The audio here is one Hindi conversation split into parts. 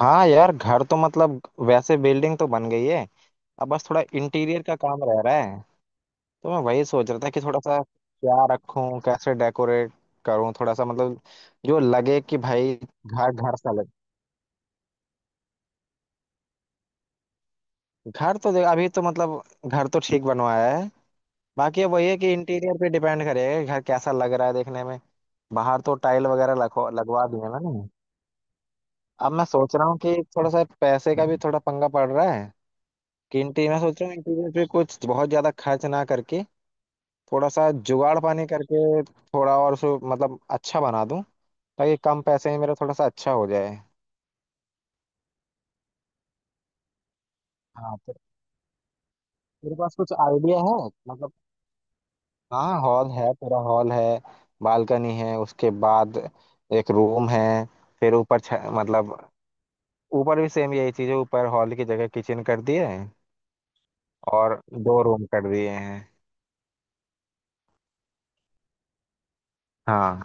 हाँ यार, घर तो मतलब वैसे बिल्डिंग तो बन गई है। अब बस थोड़ा इंटीरियर का काम रह रहा है। तो मैं वही सोच रहा था कि थोड़ा सा क्या रखूं, कैसे डेकोरेट करूं, थोड़ा सा मतलब जो लगे कि भाई घर घर सा लगे। घर तो देख, अभी तो मतलब घर तो ठीक बनवाया है। बाकी अब वही है कि इंटीरियर पे डिपेंड करेगा कि घर कैसा लग रहा है देखने में। बाहर तो टाइल वगैरह लगवा लगवा दिए मैंने। अब मैं सोच रहा हूँ कि थोड़ा सा पैसे का भी थोड़ा पंगा पड़ रहा है कि इंटीरियर, मैं सोच रहा हूँ इंटीरियर पे कुछ बहुत ज्यादा खर्च ना करके थोड़ा सा जुगाड़ पानी करके थोड़ा और सो मतलब अच्छा बना दूं, ताकि कम पैसे में मेरा थोड़ा सा अच्छा हो जाए। हाँ तो तेरे पास कुछ आइडिया है? मतलब हाँ हॉल है, पूरा हॉल है। बालकनी है उसके बाद। एक रूम है। फिर ऊपर मतलब ऊपर भी सेम यही चीज है। ऊपर हॉल की जगह किचन कर दिए है और दो रूम कर दिए हैं। हाँ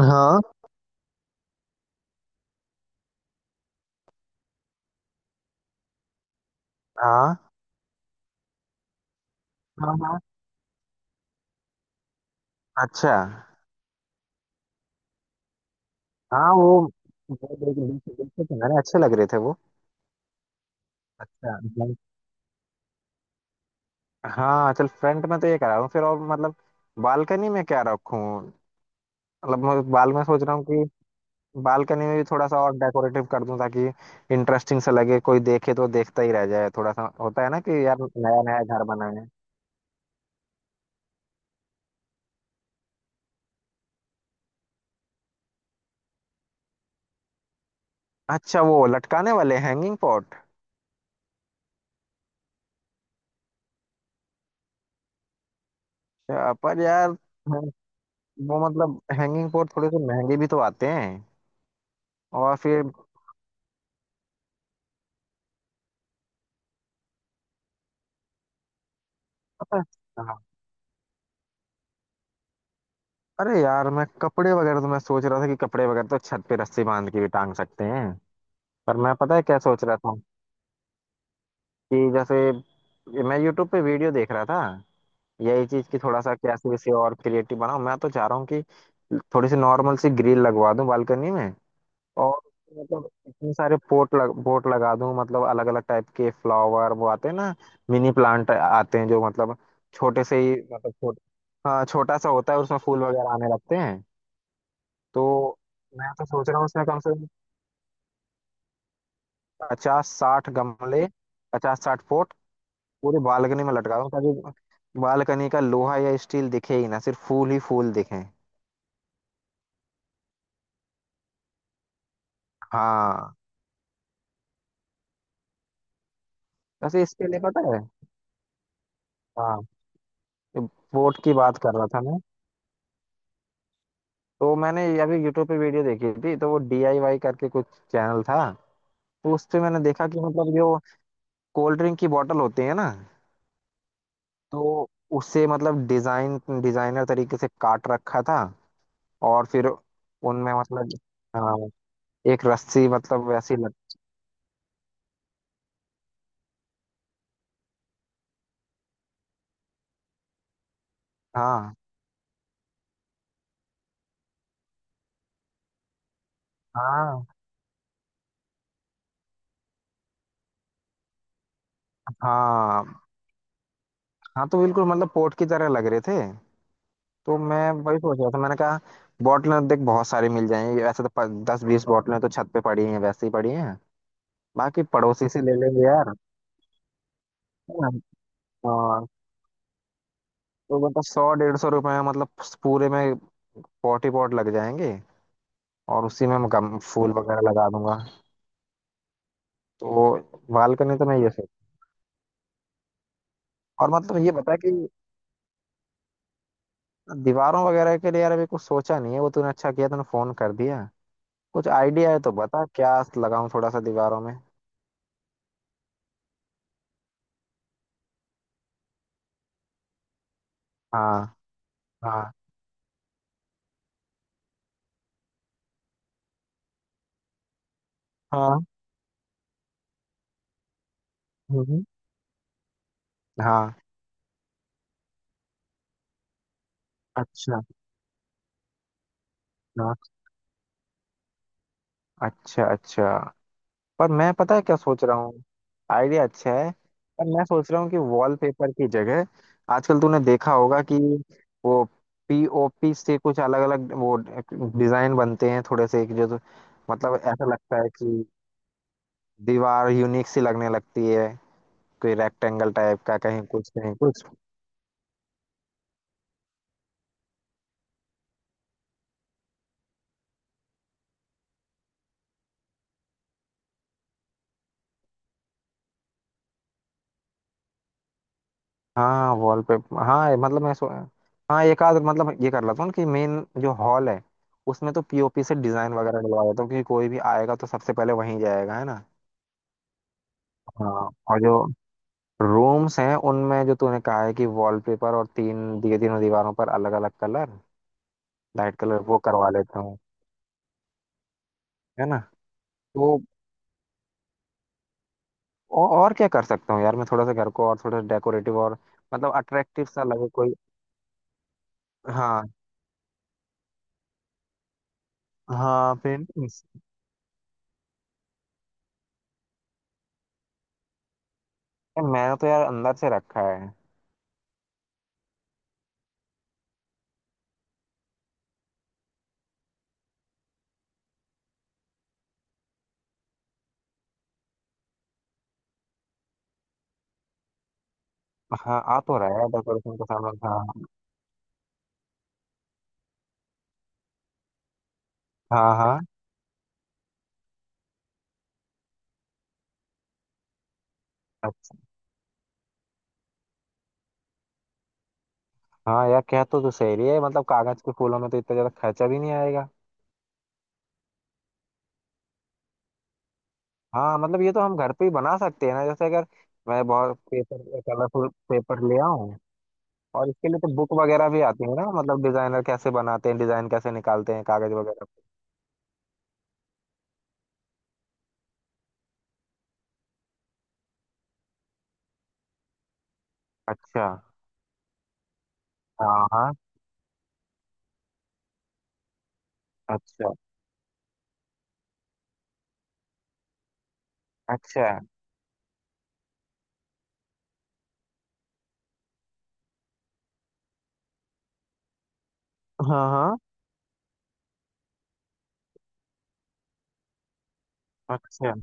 हाँ हाँ हाँ हाँ। अच्छा। हाँ वो देख देख देखे थे मैंने, अच्छे लग रहे थे वो। अच्छा, हाँ चल फ्रंट में तो ये करा रहा हूँ फिर, और मतलब बालकनी में क्या रखूँ? मतलब मैं बाल में सोच रहा हूँ कि बालकनी में भी थोड़ा सा और डेकोरेटिव कर दूँ ताकि इंटरेस्टिंग सा लगे, कोई देखे तो देखता ही रह जाए। थोड़ा सा होता है ना कि यार नया नया घर बना है। अच्छा, वो लटकाने वाले हैंगिंग पॉट? पर यार हैं- वो मतलब हैंगिंग पॉट थोड़े से महंगे भी तो आते हैं। और फिर पता है- हाँ। अरे यार, मैं कपड़े वगैरह तो मैं सोच रहा था कि कपड़े वगैरह तो छत पे रस्सी बांध के भी टांग सकते हैं। पर मैं पता है क्या सोच रहा था कि जैसे मैं यूट्यूब पे वीडियो देख रहा था यही चीज की थोड़ा सा कैसे इसे और क्रिएटिव बनाऊं। मैं तो चाह रहा हूँ कि थोड़ी सी नॉर्मल सी ग्रिल लगवा दूं बालकनी में। और मतलब इतने सारे पोट लगा दूं, मतलब अलग अलग टाइप के फ्लावर वो आते हैं ना, मिनी प्लांट आते हैं जो मतलब छोटे से ही मतलब हाँ छोटा सा होता है उसमें फूल वगैरह आने लगते हैं। तो मैं तो सोच रहा हूँ उसमें कम से कम पचास साठ गमले, पचास साठ पोट पूरे बालकनी में लटका दूं, ताकि बालकनी का लोहा या स्टील दिखे ही ना, सिर्फ फूल ही फूल दिखे। हाँ वैसे इसके लिए पता है, हाँ बोट की बात कर रहा था मैं। तो मैंने अभी यूट्यूब पे वीडियो देखी थी तो वो डीआईवाई करके कुछ चैनल था। तो उस पे मैंने देखा कि मतलब जो कोल्ड ड्रिंक की बोतल होती है ना, तो उसे मतलब डिजाइन, डिजाइनर तरीके से काट रखा था, और फिर उनमें मतलब हाँ एक रस्सी मतलब वैसी लग। हाँ हाँ हाँ हाँ, तो बिल्कुल मतलब पोर्ट की तरह लग रहे थे। तो मैं वही सोच रहा था, मैंने कहा बॉटलें देख बहुत सारी मिल जाएंगी, वैसे तो दस बीस बॉटलें तो छत पे पड़ी हैं, वैसे ही पड़ी हैं। बाकी पड़ोसी से ले लेंगे यार, है ना? और तो मतलब सौ डेढ़ सौ रुपए में मतलब पूरे में पॉट ही पॉट लग जाएंगे, और उसी में मैं फूल वगैरह लगा दूंगा। तो बालकनी तो मैं ये सोच, और मतलब ये बता कि दीवारों वगैरह के लिए यार अभी कुछ सोचा नहीं है, वो तूने अच्छा किया तूने फोन कर दिया। कुछ आइडिया है तो बता क्या लगाऊं थोड़ा सा दीवारों में। हाँ हाँ हाँ। हम्म, हम्म, हाँ। अच्छा। हाँ अच्छा अच्छा। पर मैं पता है क्या सोच रहा हूँ, आइडिया अच्छा है, पर मैं सोच रहा हूँ कि वॉलपेपर की जगह आजकल तूने देखा होगा कि वो पीओपी से कुछ अलग अलग वो डिजाइन बनते हैं थोड़े से जो जो- मतलब ऐसा लगता है कि दीवार यूनिक सी लगने लगती है, कोई रेक्टेंगल टाइप का, कहीं कुछ कहीं कुछ। हाँ वॉलपेपर, हाँ मतलब मैं सो हाँ, एक आध मतलब ये कर लेता हूँ कि मेन जो हॉल है उसमें तो पीओपी से डिजाइन वगैरह डलवा देता हूँ, क्योंकि कोई भी आएगा तो सबसे पहले वहीं जाएगा, है ना। हाँ, और जो रूम्स हैं उनमें जो तूने कहा है कि वॉलपेपर और तीन दिए, तीनों दीवारों पर अलग अलग कलर, लाइट कलर वो करवा लेता हूँ। है ना, तो और क्या कर सकता हूँ यार, मैं थोड़ा सा घर को और थोड़ा डेकोरेटिव और मतलब अट्रैक्टिव सा लगे कोई। हाँ हाँ पेंटिंग्स, मैंने तो यार अंदर से रखा है। हाँ, आ तो रहा है डेकोरेशन का सामान, हाँ हाँ हाँ। अच्छा, हाँ यार कह तो तू सही रही है, मतलब कागज के फूलों में तो इतना ज्यादा खर्चा भी नहीं आएगा। हाँ मतलब ये तो हम घर पे ही बना सकते हैं ना, जैसे अगर मैं बहुत पेपर, कलरफुल पेपर ले आऊँ। और इसके लिए तो बुक वगैरह भी आती है ना, मतलब डिजाइनर कैसे बनाते हैं, डिजाइन कैसे निकालते हैं कागज वगैरह पे। अच्छा। हाँ हाँ। अच्छा अच्छा। हाँ हाँ। अच्छा।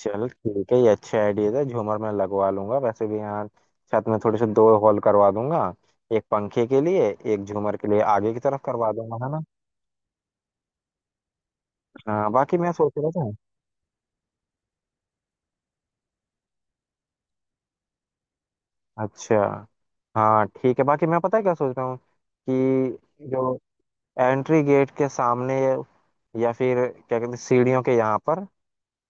चलो ठीक है, ये अच्छा आइडिया था, झूमर मैं लगवा लूंगा। वैसे भी यहाँ छत में थोड़े से दो हॉल करवा दूंगा, एक पंखे के लिए, एक झूमर के लिए आगे की तरफ करवा दूंगा, है ना। हाँ बाकी मैं सोच रहा था, अच्छा, हाँ ठीक है बाकी मैं पता है क्या सोच रहा हूँ कि जो एंट्री गेट के सामने या फिर क्या कहते हैं, सीढ़ियों के यहाँ पर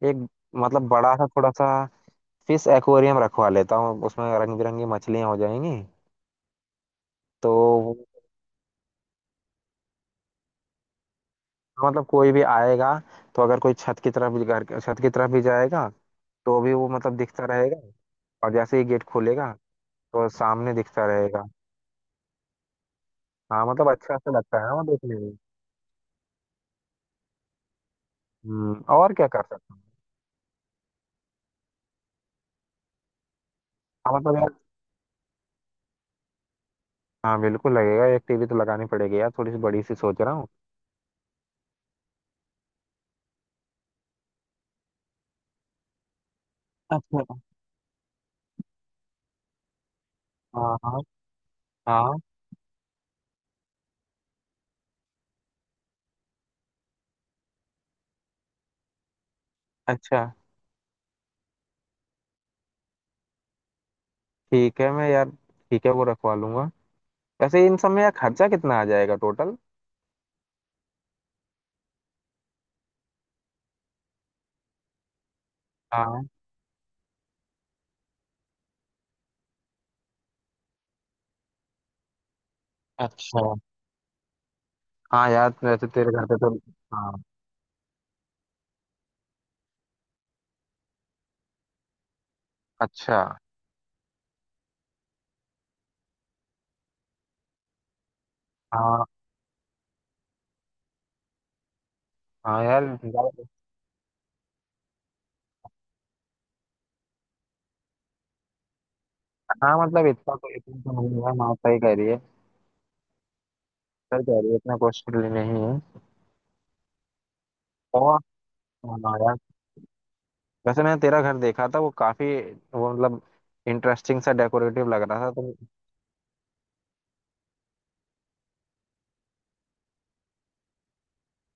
एक मतलब बड़ा सा थोड़ा सा फिश एक्वेरियम रखवा लेता हूँ, उसमें रंग बिरंगी मछलियाँ हो जाएंगी। तो मतलब कोई भी आएगा, तो अगर कोई छत की तरफ भी छत की तरफ भी जाएगा तो भी वो मतलब दिखता रहेगा, और जैसे ही गेट खुलेगा तो सामने दिखता रहेगा। हाँ मतलब अच्छा सा लगता है ना वो देखने में। और क्या कर सकते हैं, हाँ मतलब यार हाँ बिल्कुल लगेगा, एक टीवी तो लगानी पड़ेगी यार, थोड़ी सी बड़ी सी सोच रहा हूँ। अच्छा हाँ हाँ। हाँ, अच्छा ठीक है मैं यार, ठीक है वो रखवा लूंगा। वैसे इन सब में यार खर्चा कितना आ जाएगा टोटल? हाँ, अच्छा, हाँ यार वैसे तेरे घर पे तो हाँ। अच्छा, हाँ हाँ यार ज्यादा- हाँ मतलब इतना तो, इतना तो नहीं है, माँ सही कह रही है, सही कह रही है, इतना कॉस्टली नहीं है। और हाँ यार वैसे मैंने तेरा घर देखा था वो काफी वो मतलब इंटरेस्टिंग सा डेकोरेटिव लग रहा था तो।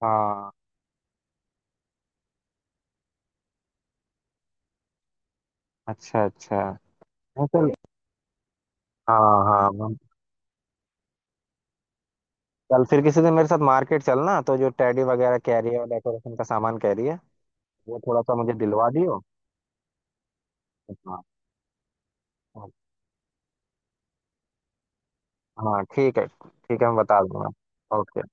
हाँ, अच्छा अच्छा। नहीं, चल। हाँ हाँ चल फिर किसी दिन मेरे साथ मार्केट चलना, तो जो टेडी वगैरह कह रही है और डेकोरेशन का सामान कह रही है वो थोड़ा सा मुझे दिलवा दियो। हाँ। हाँ, हाँ, ठीक है ठीक है, मैं बता दूंगा। ओके।